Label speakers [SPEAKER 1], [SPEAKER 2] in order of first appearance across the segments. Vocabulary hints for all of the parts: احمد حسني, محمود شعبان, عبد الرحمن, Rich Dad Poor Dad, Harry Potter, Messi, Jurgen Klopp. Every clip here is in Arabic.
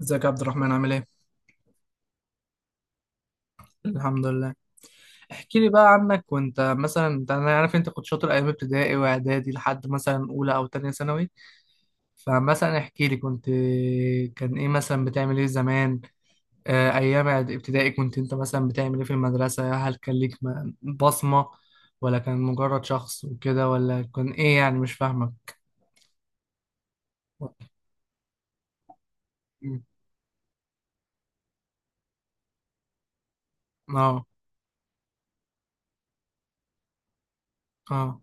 [SPEAKER 1] ازيك يا عبد الرحمن، عامل ايه؟ الحمد لله. احكي لي بقى عنك. وانت مثلا انت انا عارف انت كنت شاطر ايام ابتدائي واعدادي لحد مثلا اولى او تانية ثانوي. فمثلا احكي لي كان ايه مثلا بتعمل ايه زمان؟ ايام ابتدائي انت مثلا بتعمل ايه في المدرسة؟ هل كان ليك بصمة، ولا كان مجرد شخص وكده، ولا كان ايه؟ يعني مش فاهمك. مم. اه. اه.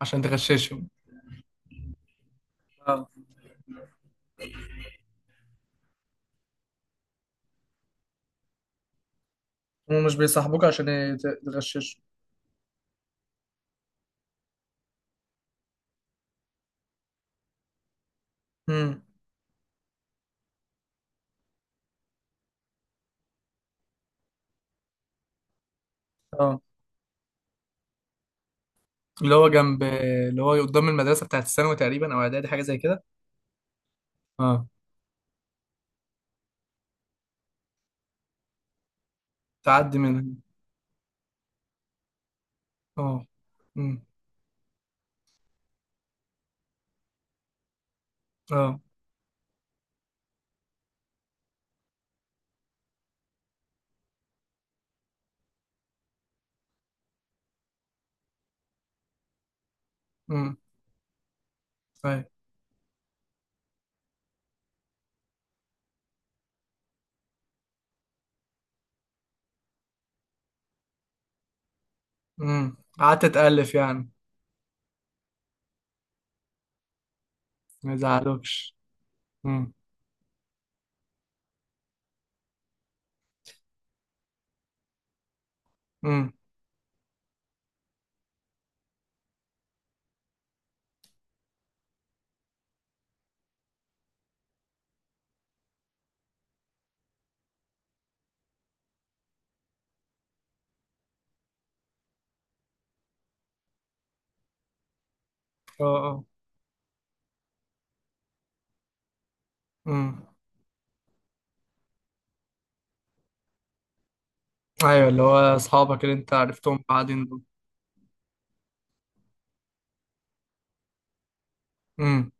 [SPEAKER 1] عشان تغششهم. اه، هم مش بيصاحبوك عشان تغششهم. امم. اللي هو جنب. اللي هو قدام المدرسة بتاعت الثانوي تقريبا، أو إعدادي حاجة زي كده. اه. تعدي منها. اه. أمم. اه. أمم. أيوة. أمم، قعدت تألف يعني. ما يزعلوكش. أمم. أمم. اه. اه. أمم. أيوة، اللي هو أصحابك اللي أنت عرفتهم بعدين دول. أمم.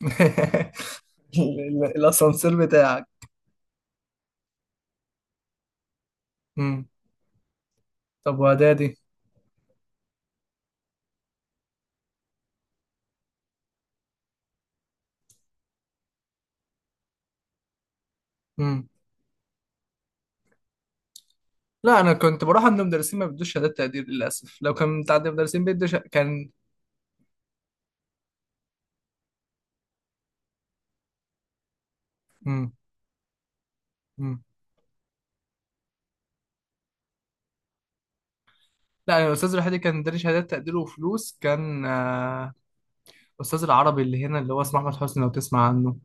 [SPEAKER 1] ال- الأسانسير بتاعك. أمم. طب وإعدادي؟ أمم. لا، أنا كنت بروح عند مدرسين ما بيدوش شهادات تقدير للأسف. لو كان بتاع عند مدرسين بيدوا شهادات كان. أمم. لا، يعني الاستاذ الوحيد اللي كان اداني شهادات تقدير وفلوس كان الاستاذ العربي اللي هنا، اللي هو اسمه احمد حسني، لو تسمع عنه.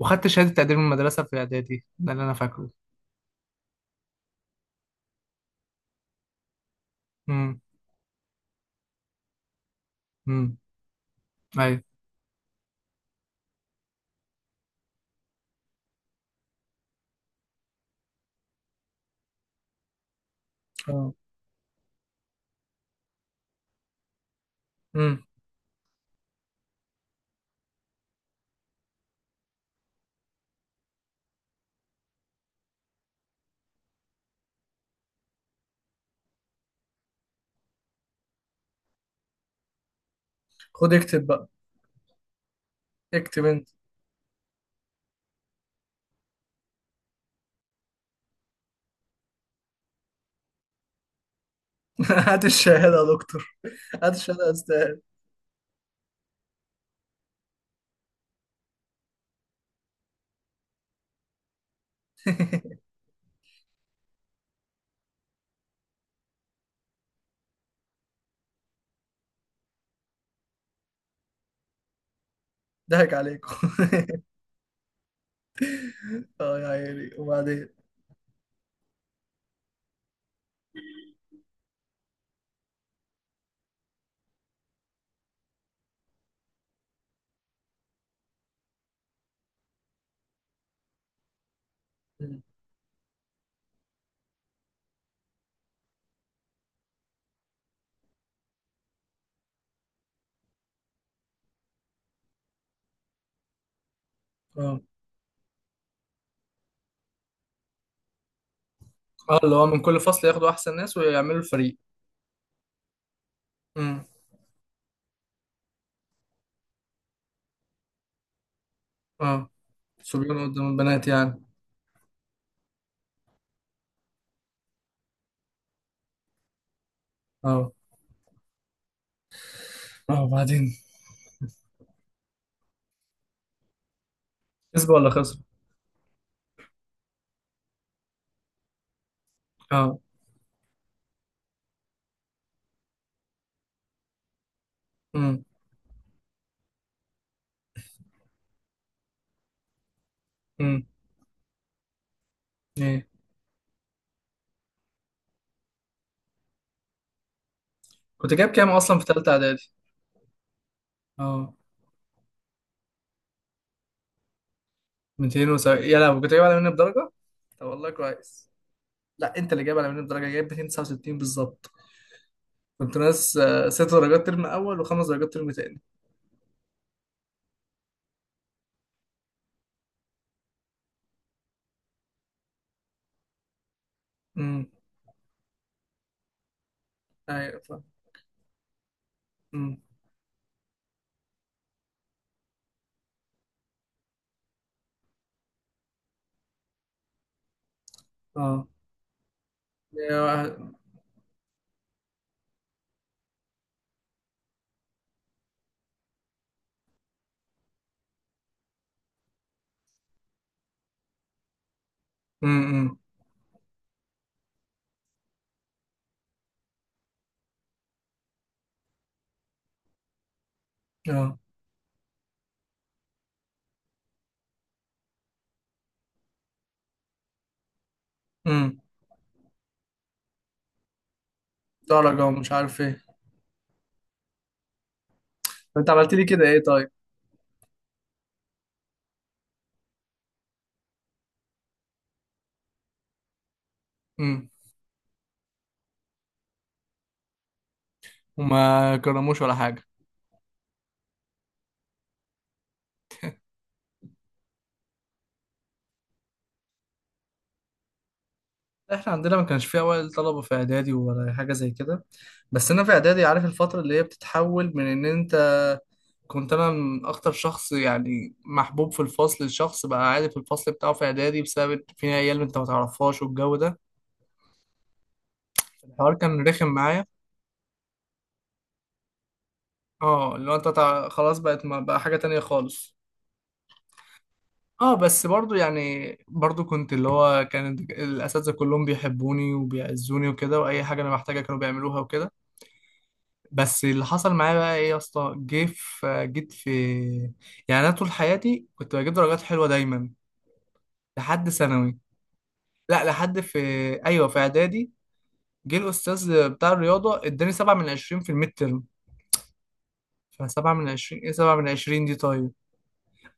[SPEAKER 1] وخدت شهاده تقدير من المدرسه في اعدادي، ده اللي انا فاكره. امم. امم. ايوه. اه. امم. خد اكتب بقى. اكتب انت. هات الشهادة يا دكتور. هات الشهادة يا استاذ. ضحك عليكم. اه يا عيني، وبعدين؟ اه. اه، اللي هو من كل فصل ياخدوا احسن ناس ويعملوا الفريق. امم. اه، صبيان قدام البنات يعني. اه. اه، وبعدين؟ كسبوا ولا خسروا؟ اه. امم. امم. ايه؟ كنت جايب كام اصلا في ثالثه اعدادي؟ اه. 270؟ يا لهوي، كنت جايب اعلى مني بدرجه. طب والله كويس. لا، انت اللي جايب اعلى مني بدرجه، جايب 269 بالظبط. كنت ناس 6 درجات ترم اول، وخمس درجات ترم تاني. امم. ايوه فاهم. امم. اه. امم. اه. امم. درجه ومش عارف ايه. طب انت عملت لي كده ايه طيب؟ امم. وما كرموش ولا حاجه؟ احنا عندنا ما كانش فيه اوائل طلبه في اعدادي ولا حاجه زي كده. بس انا في اعدادي عارف الفتره اللي هي بتتحول من ان انت. كنت انا من اكتر شخص يعني محبوب في الفصل، الشخص بقى عادي في الفصل بتاعه في اعدادي، بسبب إن في عيال انت ما تعرفهاش والجو ده. الحوار كان رخم معايا. اه، اللي هو انت خلاص بقت، ما بقى حاجه تانية خالص. اه بس برضو، يعني برضو كنت اللي هو كان الاساتذه كلهم بيحبوني وبيعزوني وكده، واي حاجه انا محتاجها كانوا بيعملوها وكده. بس اللي حصل معايا بقى ايه يا اسطى، جه في جيت في يعني انا طول حياتي كنت بجيب درجات حلوه دايما لحد ثانوي. لا، لحد في. ايوه، في اعدادي. جه الاستاذ بتاع الرياضه اداني سبعة من عشرين في الميد ترم. فسبعة من عشرين، ايه سبعة من عشرين دي طيب؟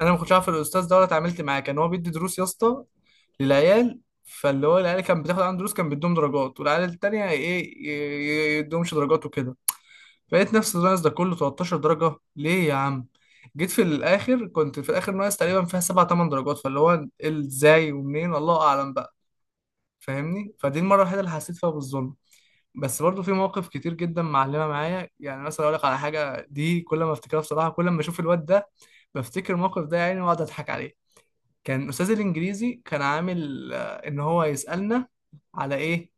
[SPEAKER 1] انا ما كنتش عارف الاستاذ ده ولا اتعاملت معاه. كان هو بيدي دروس يا اسطى للعيال، فاللي هو العيال كان بتاخد عنده دروس كان بيدوهم درجات، والعيال التانية ايه يدوهمش درجات وكده. فلقيت نفسي ناقص ده كله 13 درجة. ليه يا عم؟ جيت في الآخر، كنت في الآخر ناقص تقريبا فيها 7 8 درجات. فاللي هو ازاي ومنين، الله أعلم بقى. فاهمني، فدي المرة الوحيدة اللي حسيت فيها بالظلم. بس برضه في مواقف كتير جدا معلمة معايا. يعني مثلا أقول لك على حاجة، دي كل ما أفتكرها بصراحة، كل ما أشوف الواد ده بفتكر الموقف ده، يعني وأقعد أضحك عليه. كان أستاذ الإنجليزي كان عامل إن هو يسألنا على إيه؟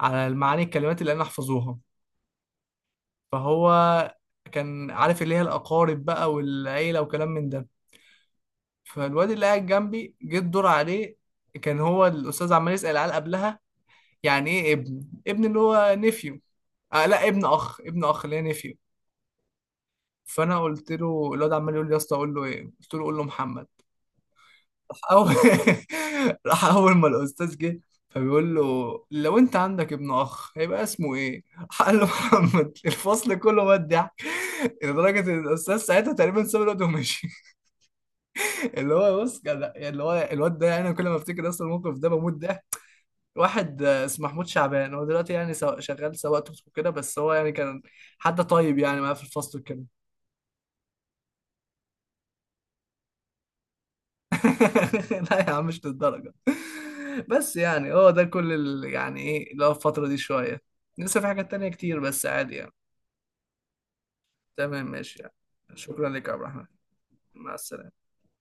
[SPEAKER 1] على معاني الكلمات اللي أنا أحفظوها. فهو كان عارف اللي هي الأقارب بقى والعيلة وكلام من ده. فالواد اللي قاعد جنبي جه الدور عليه. كان هو الأستاذ عمال يسأل العيال قبلها، يعني إيه ابن؟ ابن اللي هو نفيو. آه لا، ابن أخ، ابن أخ اللي هي نفيو. فأنا قلت له، الواد عمال يقول لي يا اسطى أقول له إيه؟ قلت له قول له محمد. راح اول راح اول ما الاستاذ جه فبيقول له، لو انت عندك ابن اخ هيبقى اسمه ايه؟ راح قال له محمد. الفصل كله مات ضحك، لدرجه ان الاستاذ ساعتها تقريبا ساب الواد ومشي. اللي هو بص، كان اللي هو الواد ده، يعني انا كل ما افتكر اصلا الموقف ده بموت. ده واحد اسمه محمود شعبان، هو دلوقتي يعني شغال سواق توك توك كده. بس هو يعني كان حد طيب يعني، معاه في الفصل وكده. لا يا عم، مش للدرجة. بس يعني هو ده كل يعني ايه اللي هو الفترة دي شوية. لسه في حاجات تانية كتير بس عادي يعني. تمام ماشي يعني. شكرا لك يا عبد الرحمن. مع السلامة.